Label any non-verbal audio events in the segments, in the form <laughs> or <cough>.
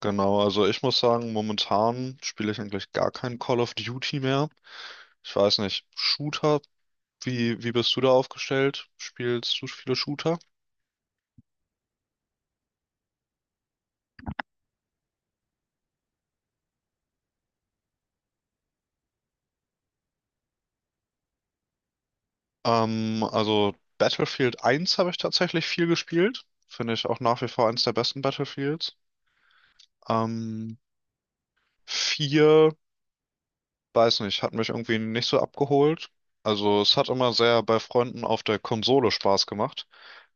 Genau, also ich muss sagen, momentan spiele ich eigentlich gar kein Call of Duty mehr. Ich weiß nicht, Shooter, wie bist du da aufgestellt? Spielst du viele Shooter? Also Battlefield 1 habe ich tatsächlich viel gespielt. Finde ich auch nach wie vor eins der besten Battlefields. Ähm, 4, weiß nicht, hat mich irgendwie nicht so abgeholt. Also es hat immer sehr bei Freunden auf der Konsole Spaß gemacht,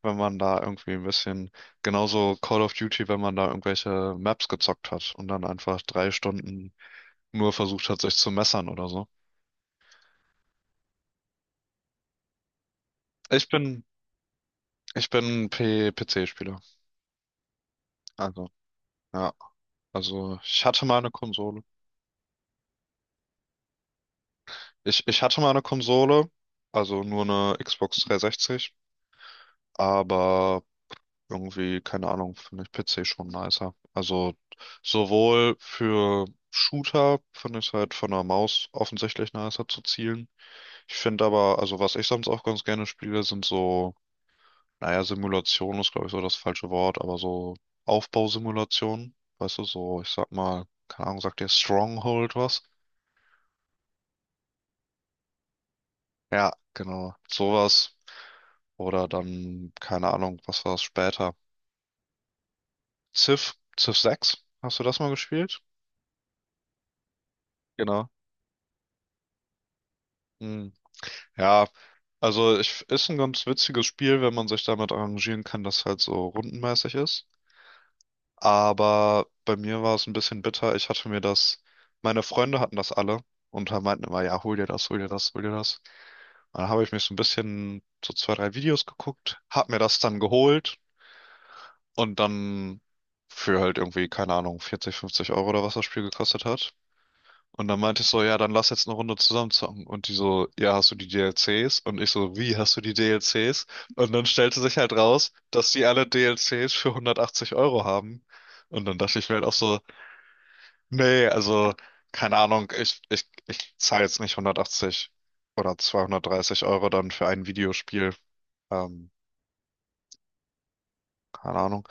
wenn man da irgendwie ein bisschen, genauso Call of Duty, wenn man da irgendwelche Maps gezockt hat und dann einfach 3 Stunden nur versucht hat, sich zu messern oder so. Ich bin, ich bin P PC-Spieler. Also, ja. Also, ich hatte mal eine Konsole. Ich hatte mal eine Konsole, also nur eine Xbox 360, aber irgendwie, keine Ahnung, finde ich PC schon nicer. Also, sowohl für Shooter finde ich es halt von der Maus offensichtlich nicer zu zielen. Ich finde aber, also was ich sonst auch ganz gerne spiele, sind so, naja, Simulation ist, glaube ich, so das falsche Wort, aber so Aufbausimulationen, weißt du, so, ich sag mal, keine Ahnung, sagt dir Stronghold was? Ja, genau, sowas. Oder dann, keine Ahnung, was war es später? Civ 6, hast du das mal gespielt? Genau. Hm. Ja, also ich, ist ein ganz witziges Spiel, wenn man sich damit arrangieren kann, dass halt so rundenmäßig ist. Aber bei mir war es ein bisschen bitter. Ich hatte mir das, meine Freunde hatten das alle und meinten immer, ja, hol dir das, hol dir das, hol dir das. Und dann habe ich mir so ein bisschen so zwei, drei Videos geguckt, hab mir das dann geholt und dann für halt irgendwie, keine Ahnung, 40, 50 € oder was das Spiel gekostet hat. Und dann meinte ich so, ja, dann lass jetzt eine Runde zusammen zocken. Und die so, ja, hast du die DLCs? Und ich so, wie hast du die DLCs? Und dann stellte sich halt raus, dass die alle DLCs für 180 € haben. Und dann dachte ich mir halt auch so, nee, also keine Ahnung, ich zahle jetzt nicht 180 oder 230 € dann für ein Videospiel. Ähm, Keine Ahnung.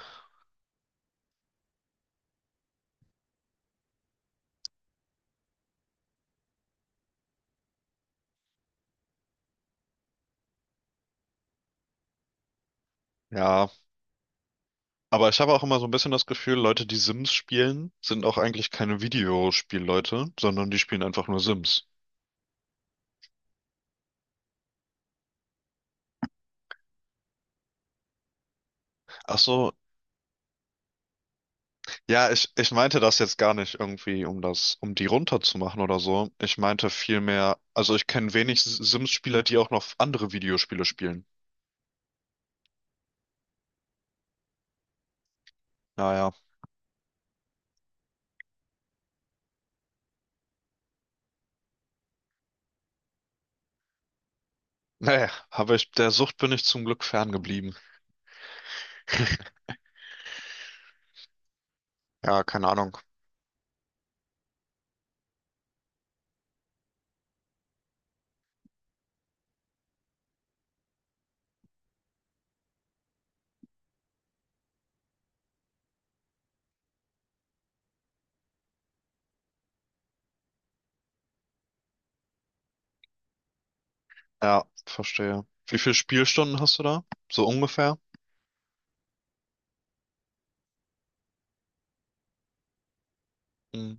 Ja, aber ich habe auch immer so ein bisschen das Gefühl, Leute, die Sims spielen, sind auch eigentlich keine Videospielleute, sondern die spielen einfach nur Sims. Ach so, ja, ich meinte das jetzt gar nicht irgendwie, um das, um die runterzumachen oder so. Ich meinte vielmehr, also ich kenne wenig Sims-Spieler, die auch noch andere Videospiele spielen. Naja. Nee, aber ich, der Sucht bin ich zum Glück ferngeblieben. <laughs> Ja, keine Ahnung. Ja, verstehe. Wie viele Spielstunden hast du da? So ungefähr? Hm,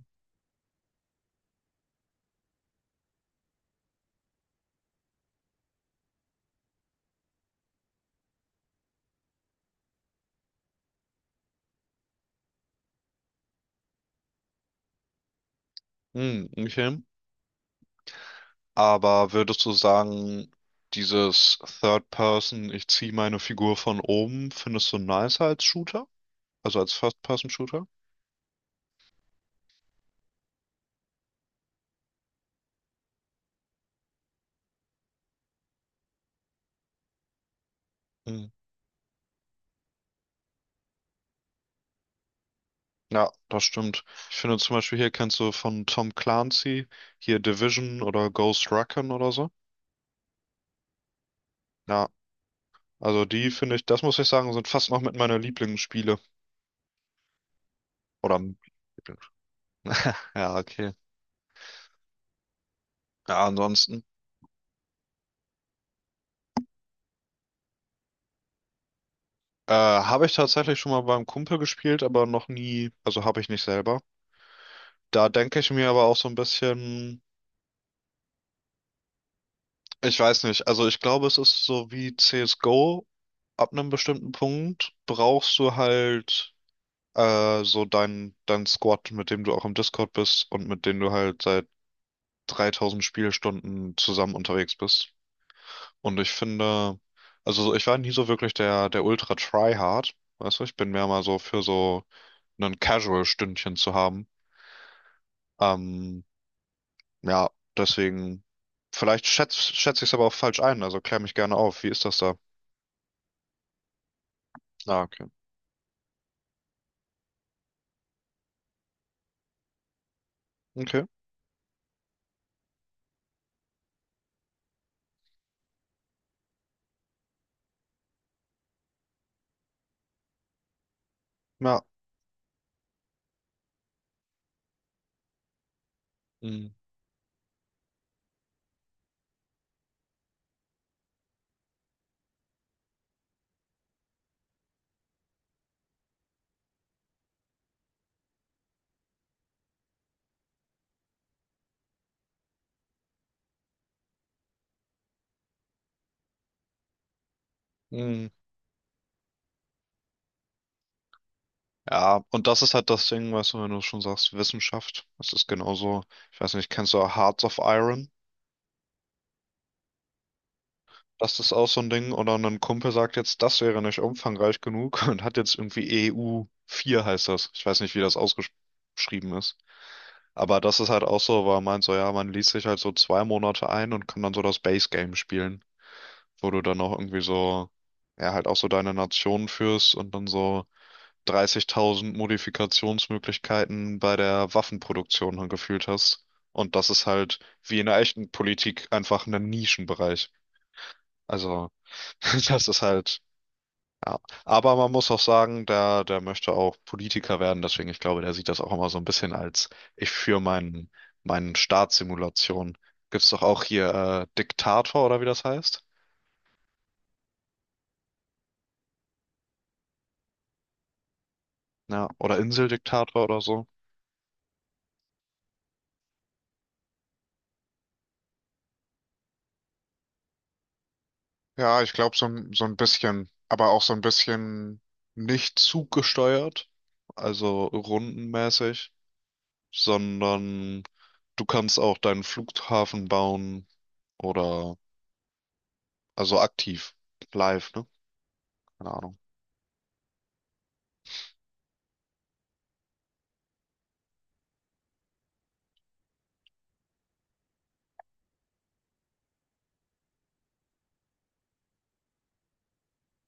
hm, okay. Aber würdest du sagen, dieses Third Person, ich ziehe meine Figur von oben, findest du nicer als Shooter? Also als First Person Shooter? Hm. Ja, das stimmt. Ich finde zum Beispiel hier kennst du von Tom Clancy hier Division oder Ghost Recon oder so. Ja, also die finde ich, das muss ich sagen, sind fast noch mit meiner Lieblingsspiele. Oder <laughs> ja, okay. Ja, ansonsten habe ich tatsächlich schon mal beim Kumpel gespielt, aber noch nie, also habe ich nicht selber. Da denke ich mir aber auch so ein bisschen, ich weiß nicht, also ich glaube, es ist so wie CSGO, ab einem bestimmten Punkt brauchst du halt so dein Squad, mit dem du auch im Discord bist und mit dem du halt seit 3.000 Spielstunden zusammen unterwegs bist. Und ich finde, also ich war nie so wirklich der Ultra Tryhard. Weißt du, ich bin mehr mal so für so ein Casual-Stündchen zu haben. Ähm, ja, deswegen, vielleicht schätz ich es aber auch falsch ein, also klär mich gerne auf. Wie ist das da? Ah, okay. Okay. Ja. Mhm. Mhm. Ja, und das ist halt das Ding, weißt du, wenn du schon sagst, Wissenschaft, das ist genauso, ich weiß nicht, kennst du Hearts of Iron? Das ist auch so ein Ding. Oder ein Kumpel sagt jetzt, das wäre nicht umfangreich genug <laughs> und hat jetzt irgendwie EU4 heißt das. Ich weiß nicht, wie das ausgeschrieben ist. Aber das ist halt auch so, weil man meint so, ja, man liest sich halt so 2 Monate ein und kann dann so das Base Game spielen, wo du dann auch irgendwie so, ja, halt auch so deine Nation führst und dann so 30.000 Modifikationsmöglichkeiten bei der Waffenproduktion dann gefühlt hast. Und das ist halt wie in der echten Politik einfach ein Nischenbereich. Also, <laughs> das ist halt. Ja, aber man muss auch sagen, der möchte auch Politiker werden, deswegen ich glaube, der sieht das auch immer so ein bisschen als ich für meinen Staatssimulation. Gibt's doch auch hier Diktator oder wie das heißt? Ja, oder Inseldiktator oder so. Ja, ich glaube, so, so ein bisschen, aber auch so ein bisschen nicht zuggesteuert, also rundenmäßig, sondern du kannst auch deinen Flughafen bauen oder also aktiv, live, ne? Keine Ahnung.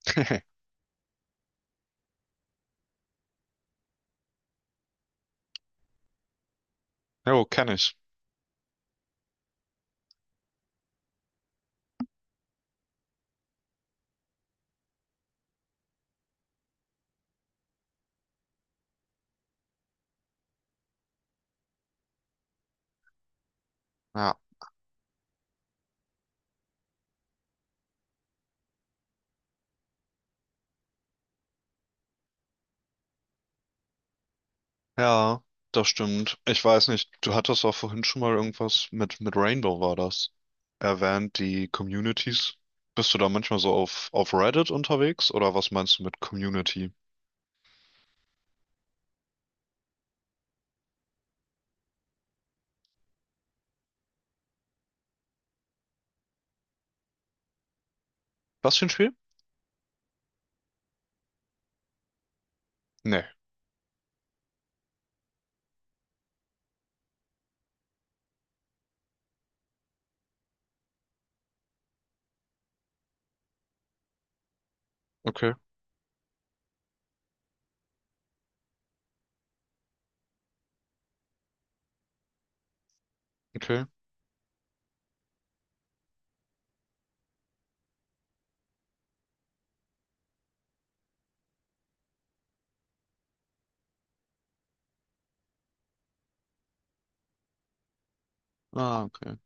<laughs> Jo, kenne ich. Ja. Ja, das stimmt. Ich weiß nicht, du hattest auch vorhin schon mal irgendwas mit Rainbow war das, erwähnt, die Communities. Bist du da manchmal so auf Reddit unterwegs oder was meinst du mit Community? Was für ein Spiel? Nee. Okay, okay. Ah, okay.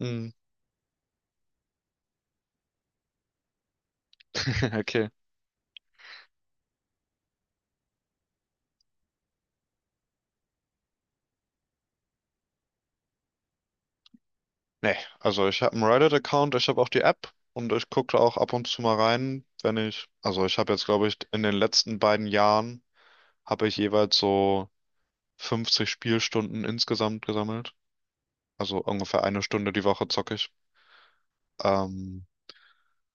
Hm, <laughs> okay. Nee, also ich habe einen Reddit-Account, ich habe auch die App und ich gucke auch ab und zu mal rein, wenn ich, also ich habe jetzt, glaube ich, in den letzten beiden Jahren habe ich jeweils so 50 Spielstunden insgesamt gesammelt. Also ungefähr eine Stunde die Woche zocke ich. Ähm,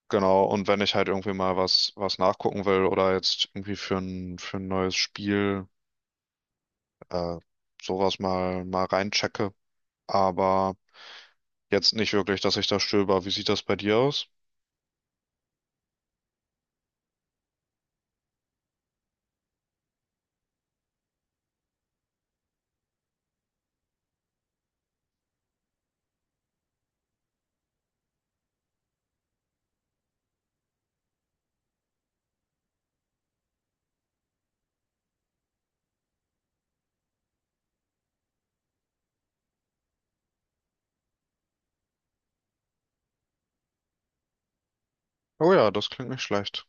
genau, und wenn ich halt irgendwie mal was, nachgucken will oder jetzt irgendwie für ein neues Spiel äh, sowas mal reinchecke. Aber jetzt nicht wirklich, dass ich da stöber. Wie sieht das bei dir aus? Oh ja, das klingt nicht schlecht.